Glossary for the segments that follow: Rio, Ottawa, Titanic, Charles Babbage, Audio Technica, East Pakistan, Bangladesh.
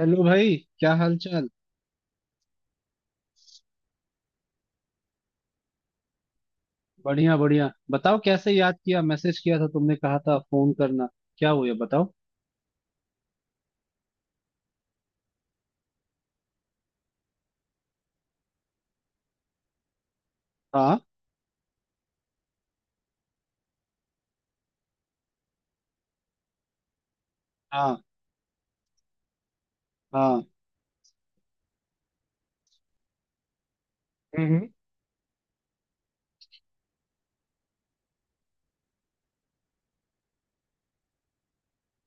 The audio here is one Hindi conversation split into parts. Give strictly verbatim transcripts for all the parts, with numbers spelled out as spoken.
हेलो भाई, क्या हाल चाल। बढ़िया बढ़िया, बताओ कैसे याद किया, मैसेज किया था तुमने, कहा था फोन करना। क्या हुआ बताओ। हाँ हाँ हाँ। हम्म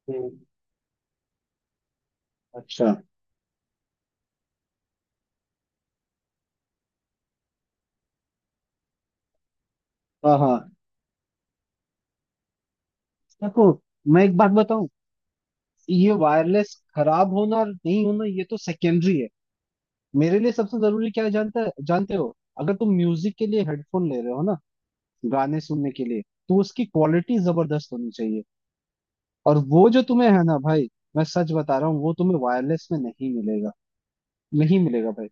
हम्म। अच्छा। हाँ हाँ। देखो, मैं एक बात बताऊं। ये वायरलेस खराब होना और नहीं होना, ये तो सेकेंडरी है। मेरे लिए सबसे जरूरी क्या है जानता है, जानते हो? अगर तुम म्यूजिक के लिए हेडफोन ले रहे हो ना, गाने सुनने के लिए, तो उसकी क्वालिटी जबरदस्त होनी चाहिए। और वो जो तुम्हें है ना भाई, मैं सच बता रहा हूँ, वो तुम्हें वायरलेस में नहीं मिलेगा। नहीं मिलेगा भाई।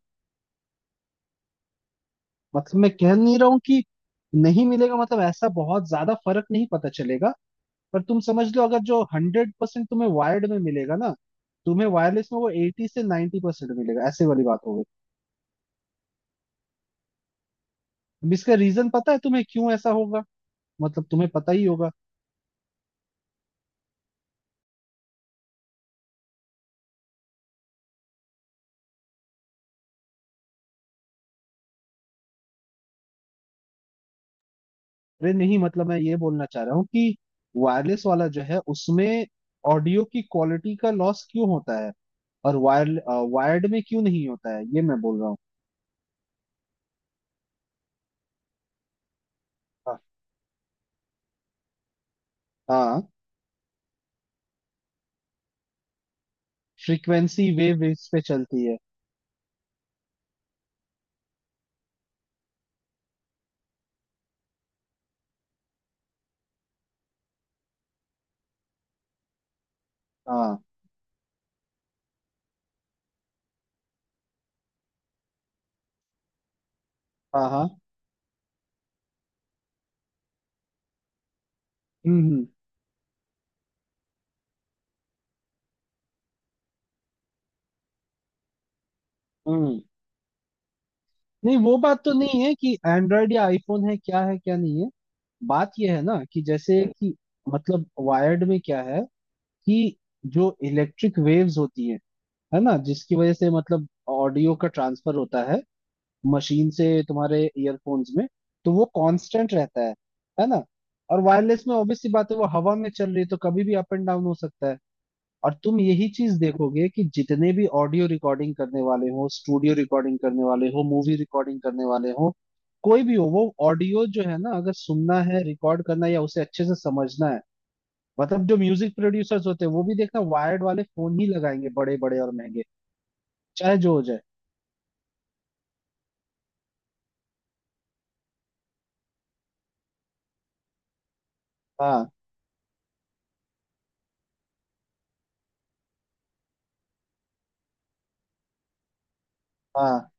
मतलब मैं कह नहीं रहा हूँ कि नहीं मिलेगा, मतलब ऐसा बहुत ज्यादा फर्क नहीं पता चलेगा। पर तुम समझ लो, अगर जो हंड्रेड परसेंट तुम्हें वायर्ड में मिलेगा ना, तुम्हें वायरलेस में वो एटी से 90% परसेंट मिलेगा, ऐसे वाली बात हो गई। अब इसका रीजन पता है तुम्हें क्यों ऐसा होगा? मतलब तुम्हें पता ही होगा। अरे नहीं, मतलब मैं ये बोलना चाह रहा हूँ कि वायरलेस वाला जो है उसमें ऑडियो की क्वालिटी का लॉस क्यों होता है, और वायर वायर्ड में क्यों नहीं होता है, ये मैं बोल रहा हूँ। हाँ हाँ। फ्रीक्वेंसी वेव इस पे चलती है। हाँ हाँ हाँ। हम्म हम्म हम्म। नहीं, वो बात तो नहीं है कि एंड्रॉयड या आईफोन है क्या है क्या नहीं है। बात ये है ना कि जैसे कि मतलब वायर्ड में क्या है कि जो इलेक्ट्रिक वेव्स होती है है ना, जिसकी वजह से मतलब ऑडियो का ट्रांसफर होता है मशीन से तुम्हारे ईयरफोन्स में, तो वो कांस्टेंट रहता है है ना। और वायरलेस में ऑब्वियसली बात है, वो हवा में चल रही है तो कभी भी अप एंड डाउन हो सकता है। और तुम यही चीज देखोगे कि जितने भी ऑडियो रिकॉर्डिंग करने वाले हो, स्टूडियो रिकॉर्डिंग करने वाले हो, मूवी रिकॉर्डिंग करने वाले हो, कोई भी हो, वो ऑडियो जो है ना, अगर सुनना है, रिकॉर्ड करना है या उसे अच्छे से समझना है, मतलब जो म्यूजिक प्रोड्यूसर्स होते हैं, वो भी देखना वायर्ड वाले फोन ही लगाएंगे, बड़े बड़े और महंगे, चाहे जो हो जाए। हाँ हाँ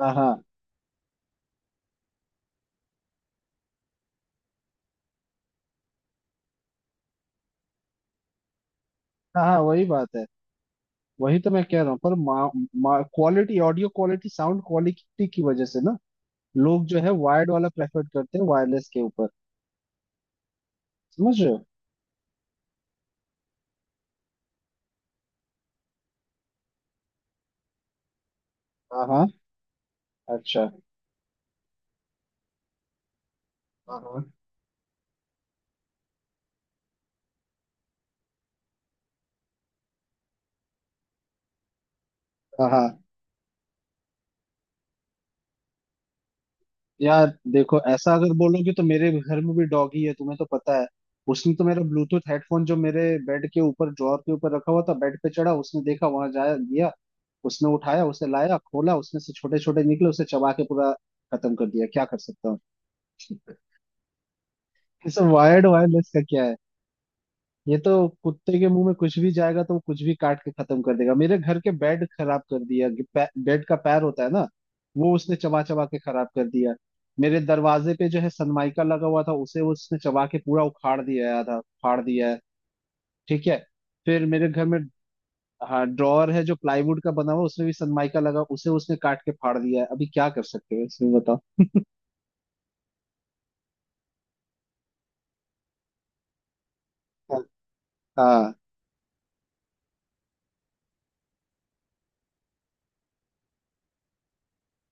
हाँ हाँ हाँ हाँ, वही बात है। वही तो मैं कह रहा हूँ, पर quality audio quality sound quality की वजह से ना लोग जो है वायर्ड वाला प्रेफर करते हैं वायरलेस के ऊपर। समझ रहे हो? हाँ हाँ, अच्छा। और हाँ हाँ, यार देखो, ऐसा अगर बोलोगे तो मेरे घर में भी डॉगी है, तुम्हें तो पता है। उसने तो मेरा ब्लूटूथ हेडफोन जो मेरे बेड के ऊपर ड्रॉअर के ऊपर रखा हुआ था, बेड पे चढ़ा, उसने देखा वहां जाया गया, उसने उठाया, उसे लाया, खोला, उसमें से छोटे छोटे निकले, उसे चबा के पूरा खत्म कर दिया। क्या कर सकता हूँ। ये सब वायर्ड वायरलेस का क्या है। ये तो कुत्ते के मुंह में कुछ भी जाएगा तो वो कुछ भी काट के खत्म कर देगा। मेरे घर के बेड खराब कर दिया कि पै- बेड का पैर होता है ना, वो उसने चबा चबा के खराब कर दिया। मेरे दरवाजे पे जो है सनमाइका लगा हुआ था, उसे उसने चबा के पूरा उखाड़ दिया है, आधा फाड़ दिया है। ठीक है। फिर मेरे घर में हाँ ड्रॉअर है जो प्लाईवुड का बना हुआ, उसमें भी सनमाइका लगा, उसे उसने काट के फाड़ दिया है। अभी क्या कर सकते हो इसमें बताओ। हाँ,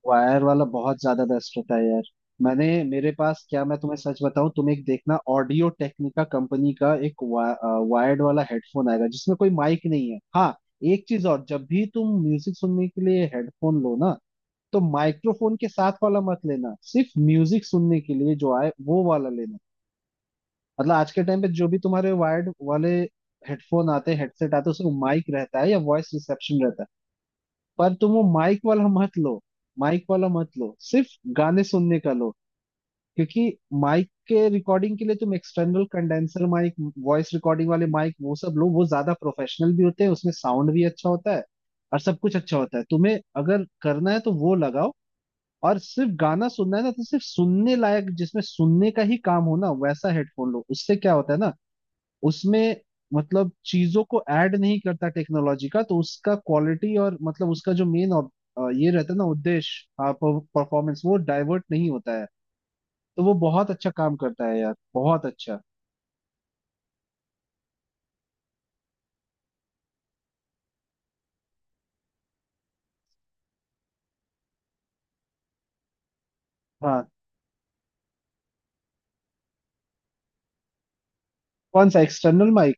वायर वाला बहुत ज्यादा बेस्ट होता है यार। मैंने मेरे पास क्या, मैं तुम्हें सच बताऊं, तुम एक देखना, ऑडियो टेक्निका कंपनी का एक वा, वायर्ड वाला हेडफोन आएगा जिसमें कोई माइक नहीं है। हाँ, एक चीज और, जब भी तुम म्यूजिक सुनने के लिए हेडफोन लो ना, तो माइक्रोफोन के साथ वाला मत लेना, सिर्फ म्यूजिक सुनने के लिए जो आए वो वाला लेना। मतलब आज के टाइम पे जो भी तुम्हारे वायर्ड वाले हेडफोन आते हैं, हेडसेट आते हैं, उसमें माइक रहता है या वॉइस रिसेप्शन रहता है। पर तुम वो माइक वाला मत लो। माइक वाला मत लो, सिर्फ गाने सुनने का लो। क्योंकि माइक के रिकॉर्डिंग के लिए तुम external condenser mic, voice recording वाले माइक, वो सब लो, वो ज्यादा प्रोफेशनल भी होते हैं, उसमें साउंड भी अच्छा होता है और सब कुछ अच्छा होता है। तुम्हें अगर करना है तो वो लगाओ। और सिर्फ गाना सुनना है ना, तो सिर्फ सुनने लायक जिसमें सुनने का ही काम हो ना, वैसा हेडफोन लो। उससे क्या होता है ना, उसमें मतलब चीजों को ऐड नहीं करता टेक्नोलॉजी का, तो उसका क्वालिटी और मतलब उसका जो मेन ये रहता है ना उद्देश्य, हाँ, परफॉर्मेंस वो डाइवर्ट नहीं होता है, तो वो बहुत अच्छा काम करता है यार, बहुत अच्छा। हाँ। कौन सा एक्सटर्नल माइक?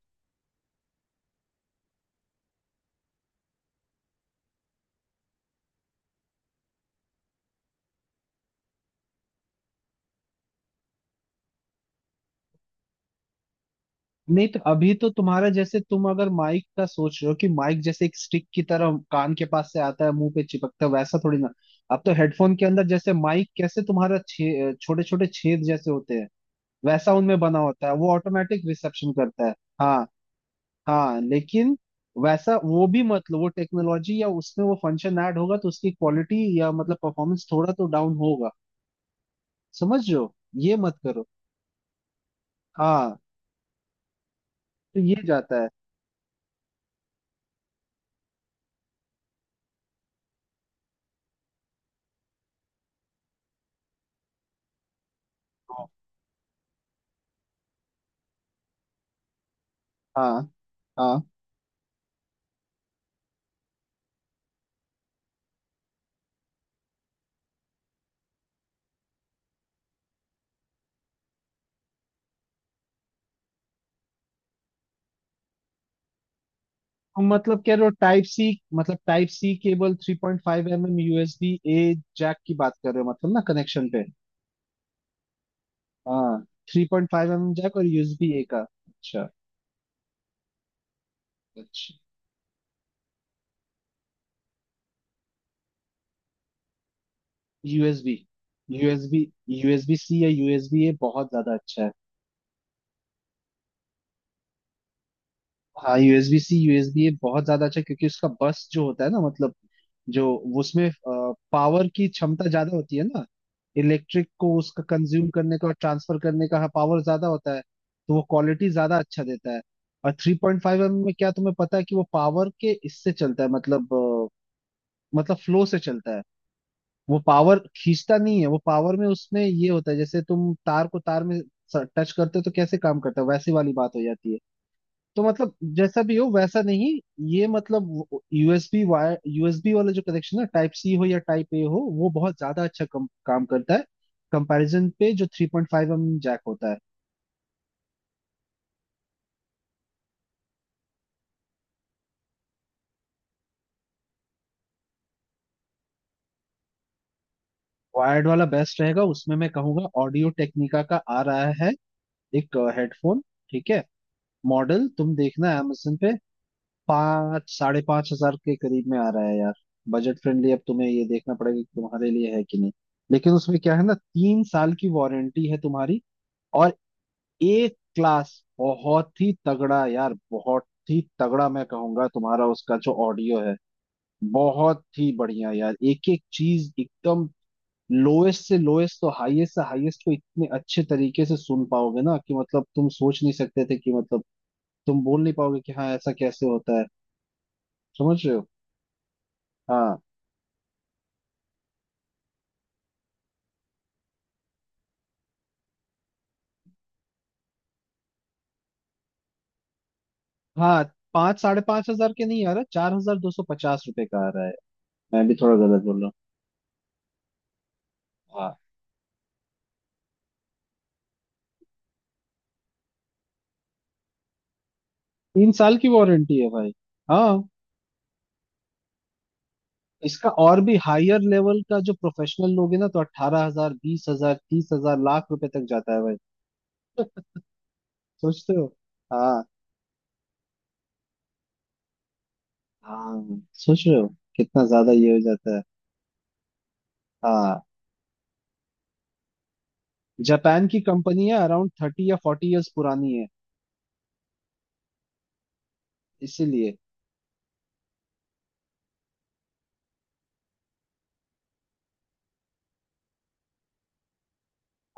नहीं, तो अभी तो तुम्हारा जैसे तुम अगर माइक का सोच रहे हो कि माइक जैसे एक स्टिक की तरह कान के पास से आता है मुंह पे चिपकता है, वैसा थोड़ी ना। अब तो हेडफोन के अंदर जैसे माइक कैसे तुम्हारा छे छोटे छोटे छेद जैसे होते हैं, वैसा उनमें बना होता है, वो ऑटोमेटिक रिसेप्शन करता है। हाँ हाँ, लेकिन वैसा वो भी मतलब वो टेक्नोलॉजी या उसमें वो फंक्शन ऐड होगा तो उसकी क्वालिटी या मतलब परफॉर्मेंस थोड़ा तो डाउन होगा। समझ रहे हो? ये मत करो। हाँ। तो ये जाता है। हाँ हाँ। तो मतलब कह रहे हो टाइप सी, मतलब type C cable three point five M M USB A jack की बात कर रहे हो मतलब ना, कनेक्शन पे? हाँ। Three point five M M jack और यूएसबी ए का। अच्छा अच्छा। यूएसबी। यूएसबी यूएसबी सी या यूएसबी ए बहुत ज्यादा अच्छा है। हाँ, यूएसबी सी यूएसबी ए बहुत ज्यादा अच्छा है क्योंकि उसका बस जो होता है ना मतलब जो उसमें पावर की क्षमता ज्यादा होती है ना, इलेक्ट्रिक को उसका कंज्यूम करने का और ट्रांसफर करने का पावर ज्यादा होता है, तो वो क्वालिटी ज्यादा अच्छा देता है। और थ्री पॉइंट फाइव एम में क्या तुम्हें पता है कि वो पावर के इससे चलता है मतलब अ, मतलब फ्लो से चलता है, वो पावर खींचता नहीं है, वो पावर में उसमें ये होता है, जैसे तुम तार को तार में टच करते हो तो कैसे काम करता है, वैसी वाली बात हो जाती है। तो मतलब जैसा भी हो वैसा नहीं, ये मतलब यूएसबी वायर यूएसबी वाला जो कनेक्शन है टाइप सी हो या टाइप ए हो वो बहुत ज्यादा अच्छा कम, काम करता है कंपैरिजन पे जो three point five M M jack होता है। वायर्ड वाला बेस्ट रहेगा, उसमें मैं कहूंगा ऑडियो टेक्निका का आ रहा है एक हेडफोन, ठीक है। मॉडल तुम देखना amazon पे। पाँच साढ़े पाँच हजार के करीब में आ रहा है यार, बजट फ्रेंडली। अब तुम्हें ये देखना पड़ेगा कि तुम्हारे लिए है कि नहीं, लेकिन उसमें क्या है ना, तीन साल की वारंटी है तुम्हारी, और एक क्लास, बहुत ही तगड़ा यार, बहुत ही तगड़ा, मैं कहूंगा तुम्हारा उसका जो ऑडियो है बहुत ही बढ़िया यार। एक एक चीज एकदम लोएस्ट से लोएस्ट तो हाईएस्ट से हाईएस्ट को इतने अच्छे तरीके से सुन पाओगे ना कि मतलब तुम सोच नहीं सकते थे कि मतलब तुम बोल नहीं पाओगे कि हाँ ऐसा कैसे होता है। समझ रहे हो? हाँ हाँ। पाँच साढ़े पाँच हजार के नहीं आ रहा, चार हजार दो सौ पचास रुपए का आ रहा है, मैं भी थोड़ा गलत बोल रहा हूँ। हाँ, तीन साल की वारंटी है भाई। हाँ, इसका और भी हायर लेवल का जो प्रोफेशनल लोग है ना, तो अट्ठारह हजार बीस हजार तीस हजार लाख रुपए तक जाता है भाई। सोचते हो। हाँ हाँ, सोच रहे हो, कितना ज्यादा ये हो जाता है। हाँ, जापान की कंपनी है, अराउंड थर्टी या फोर्टी इयर्स पुरानी है, इसीलिए।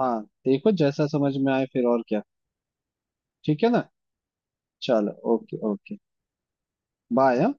हाँ, देखो जैसा समझ में आए, फिर और क्या, ठीक है ना। चलो, ओके ओके, बाय, हाँ।